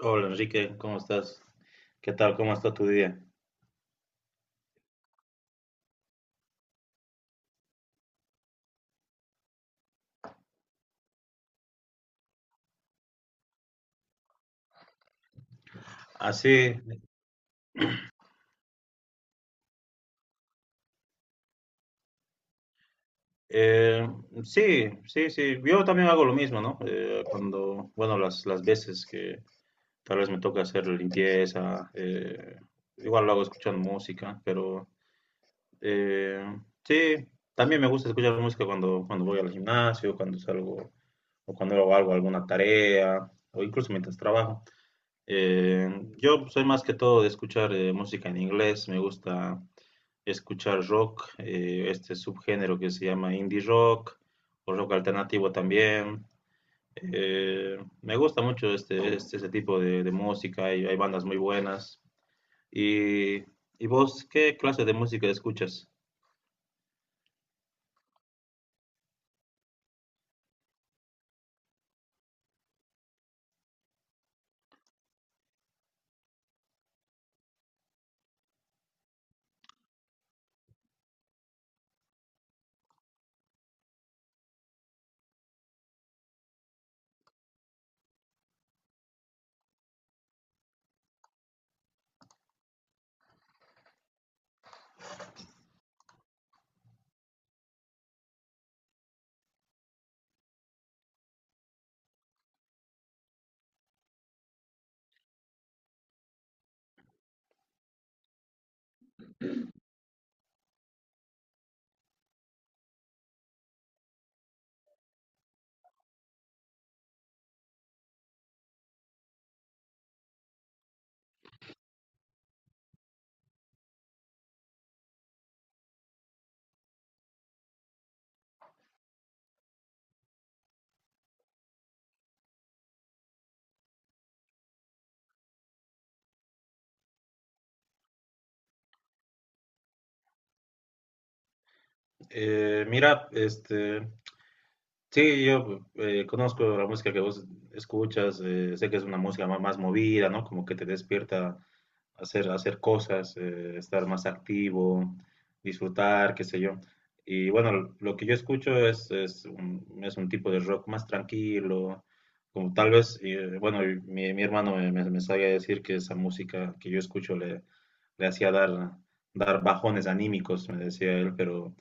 Hola Enrique, ¿cómo estás? ¿Qué tal? ¿Cómo está tu día? Así, eh, sí, sí, sí. Yo también hago lo mismo, ¿no? Cuando, bueno, las veces que tal vez me toca hacer limpieza, igual lo hago escuchando música, pero eh, sí, también me gusta escuchar música cuando, cuando voy al gimnasio, cuando salgo o cuando hago algo, alguna tarea, o incluso mientras trabajo. Eh, yo soy más que todo de escuchar música en inglés, me gusta escuchar rock, este subgénero que se llama indie rock o rock alternativo también. Me gusta mucho este tipo de música y hay bandas muy buenas. ¿Y, y vos qué clase de música escuchas? Mira, este, sí, yo conozco la música que vos escuchas, sé que es una música más movida, ¿no? Como que te despierta hacer cosas, estar más activo, disfrutar, qué sé yo. Y bueno, lo que yo escucho es un tipo de rock más tranquilo, como tal vez, bueno, y mi hermano me sabía decir que esa música que yo escucho le hacía dar bajones anímicos, me decía él, pero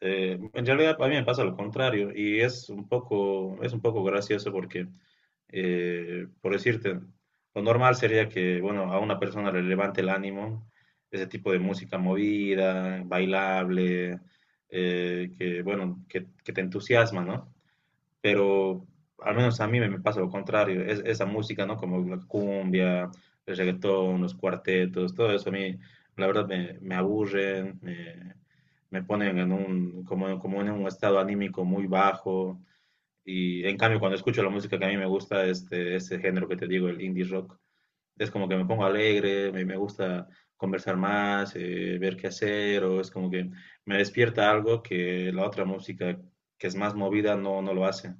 en realidad a mí me pasa lo contrario y es un poco gracioso porque, por decirte, lo normal sería que, bueno, a una persona le levante el ánimo ese tipo de música movida, bailable, que, bueno, que te entusiasma, ¿no? Pero al menos a mí me pasa lo contrario, esa música, ¿no? Como la cumbia, el reggaetón, los cuartetos, todo eso a mí, la verdad, me aburren, me ponen como en un estado anímico muy bajo. Y en cambio, cuando escucho la música que a mí me gusta, este, ese género que te digo, el indie rock, es como que me pongo alegre, me gusta conversar más, ver qué hacer, o es como que me despierta algo que la otra música que es más movida no lo hace.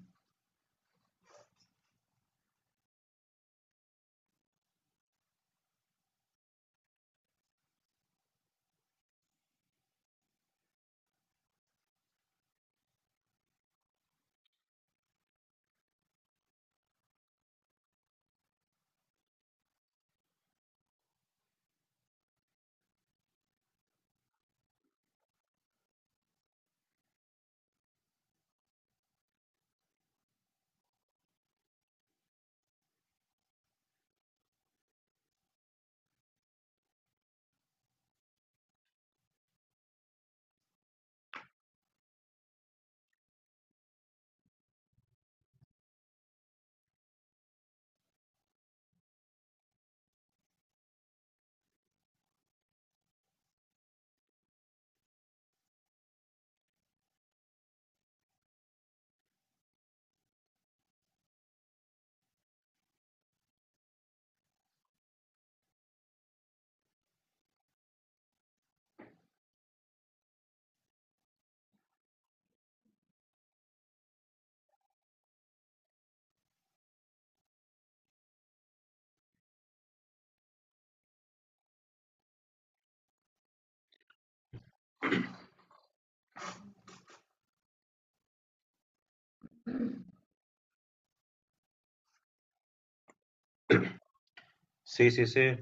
Sí, sí, sí.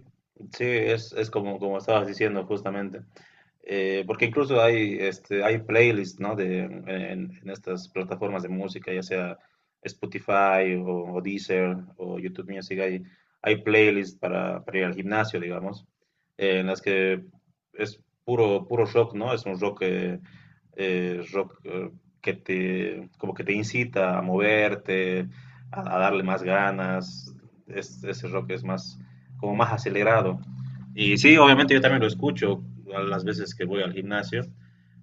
Sí, es como, estabas diciendo justamente. Porque incluso este, hay playlists, ¿no? en estas plataformas de música, ya sea Spotify o Deezer o YouTube Music, hay playlists para ir al gimnasio, digamos, en las que es puro, puro rock, ¿no? Es un rock, como que te incita a moverte, a darle más ganas. Ese rock es más como más acelerado. Y sí, obviamente yo también lo escucho a las veces que voy al gimnasio,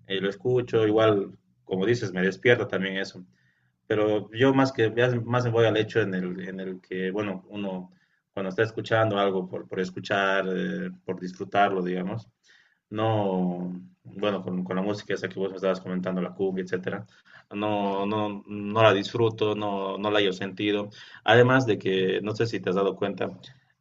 lo escucho, igual, como dices, me despierta también eso. Pero yo más que más me voy al hecho en el que, bueno, uno cuando está escuchando algo por escuchar, por disfrutarlo, digamos, no, bueno, con la música esa que vos me estabas comentando, la cumbia, etcétera, no, no, no la disfruto, no, no la hallo sentido. Además de que, no sé si te has dado cuenta,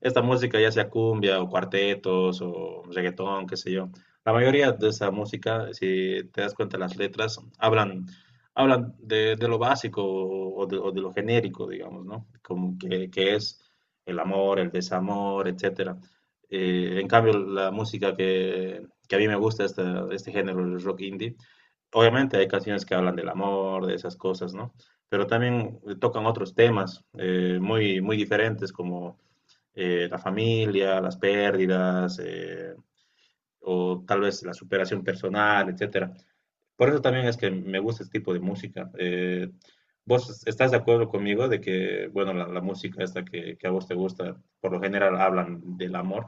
esta música, ya sea cumbia o cuartetos o reggaetón, qué sé yo, la mayoría de esa música, si te das cuenta, las letras hablan de lo básico o de lo genérico, digamos, ¿no? Como que es el amor, el desamor, etcétera. En cambio, la música que a mí me gusta este, este género, el rock indie. Obviamente hay canciones que hablan del amor, de esas cosas, ¿no? Pero también tocan otros temas muy, muy diferentes como la familia, las pérdidas, o tal vez la superación personal, etcétera. Por eso también es que me gusta este tipo de música. ¿Vos estás de acuerdo conmigo de que, bueno, la música esta que a vos te gusta, por lo general hablan del amor?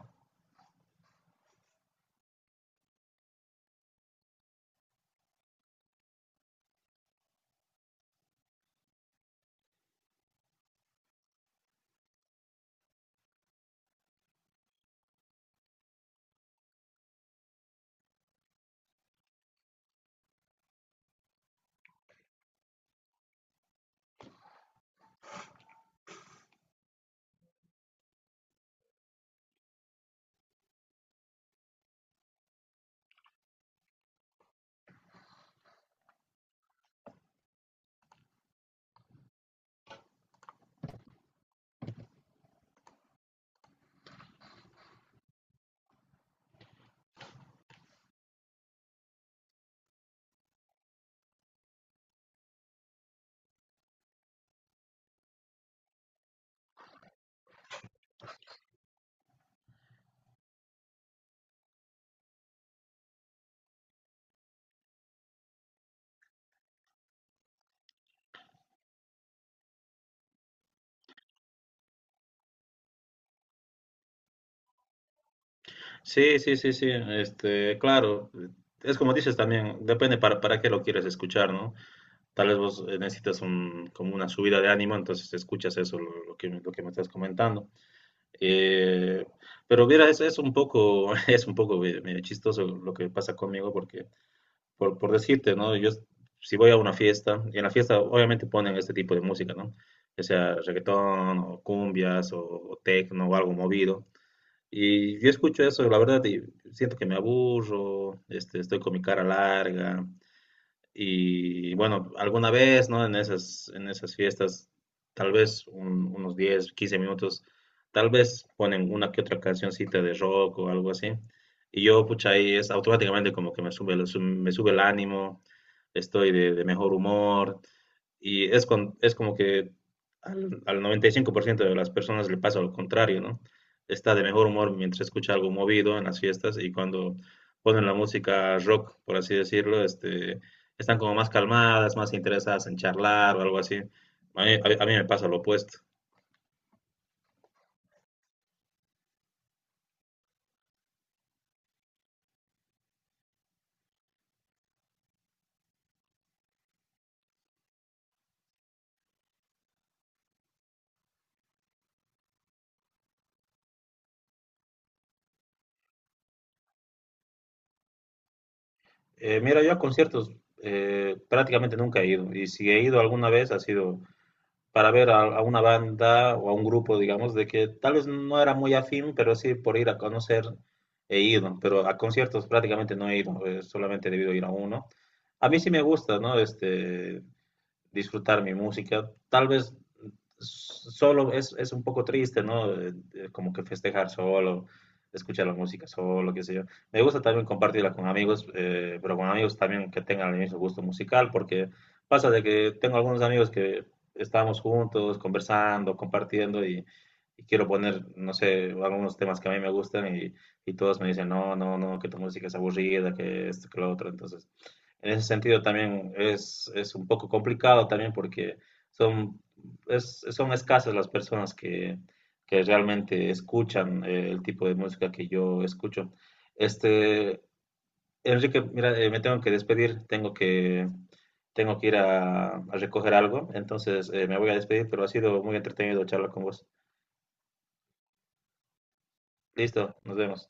Sí, sí, sí, sí, este, claro, es como dices también, depende para qué lo quieres escuchar, ¿no? Tal vez vos necesitas como una subida de ánimo, entonces escuchas eso, lo que me estás comentando. Eh, pero mira, es un poco, es un poco medio chistoso lo que pasa conmigo, porque, por decirte, ¿no? Yo, si voy a una fiesta, y en la fiesta obviamente ponen este tipo de música, ¿no? Ya sea reggaetón, o cumbias, o tecno, o algo movido. Y yo escucho eso, la verdad, y siento que me aburro, este, estoy con mi cara larga. Y bueno, alguna vez, ¿no? En esas fiestas, tal vez unos 10 15 minutos, tal vez ponen una que otra cancioncita de rock o algo así. Y yo, pucha, ahí es automáticamente como que me sube, me sube el ánimo, estoy de mejor humor. Y es como que al 95% de las personas le pasa lo contrario, ¿no? Está de mejor humor mientras escucha algo movido en las fiestas y cuando ponen la música rock, por así decirlo, este, están como más calmadas, más interesadas en charlar o algo así. A mí me pasa lo opuesto. Mira, yo a conciertos prácticamente nunca he ido y si he ido alguna vez ha sido para ver a una banda o a un grupo, digamos, de que tal vez no era muy afín, pero sí por ir a conocer he ido, pero a conciertos prácticamente no he ido, solamente he debido ir a uno. A mí sí me gusta, ¿no? Este, disfrutar mi música. Tal vez solo es un poco triste, ¿no? Como que festejar solo, escuchar la música solo, qué sé yo. Me gusta también compartirla con amigos, pero con amigos también que tengan el mismo gusto musical, porque pasa de que tengo algunos amigos que estábamos juntos, conversando, compartiendo y quiero poner, no sé, algunos temas que a mí me gustan y todos me dicen, no, no, no, que tu música es aburrida, que esto, que lo otro. Entonces, en ese sentido también es un poco complicado también porque son, son escasas las personas que realmente escuchan el tipo de música que yo escucho. Este, Enrique, mira, me tengo que despedir, tengo que ir a recoger algo, entonces me voy a despedir, pero ha sido muy entretenido charlar con vos. Listo, nos vemos.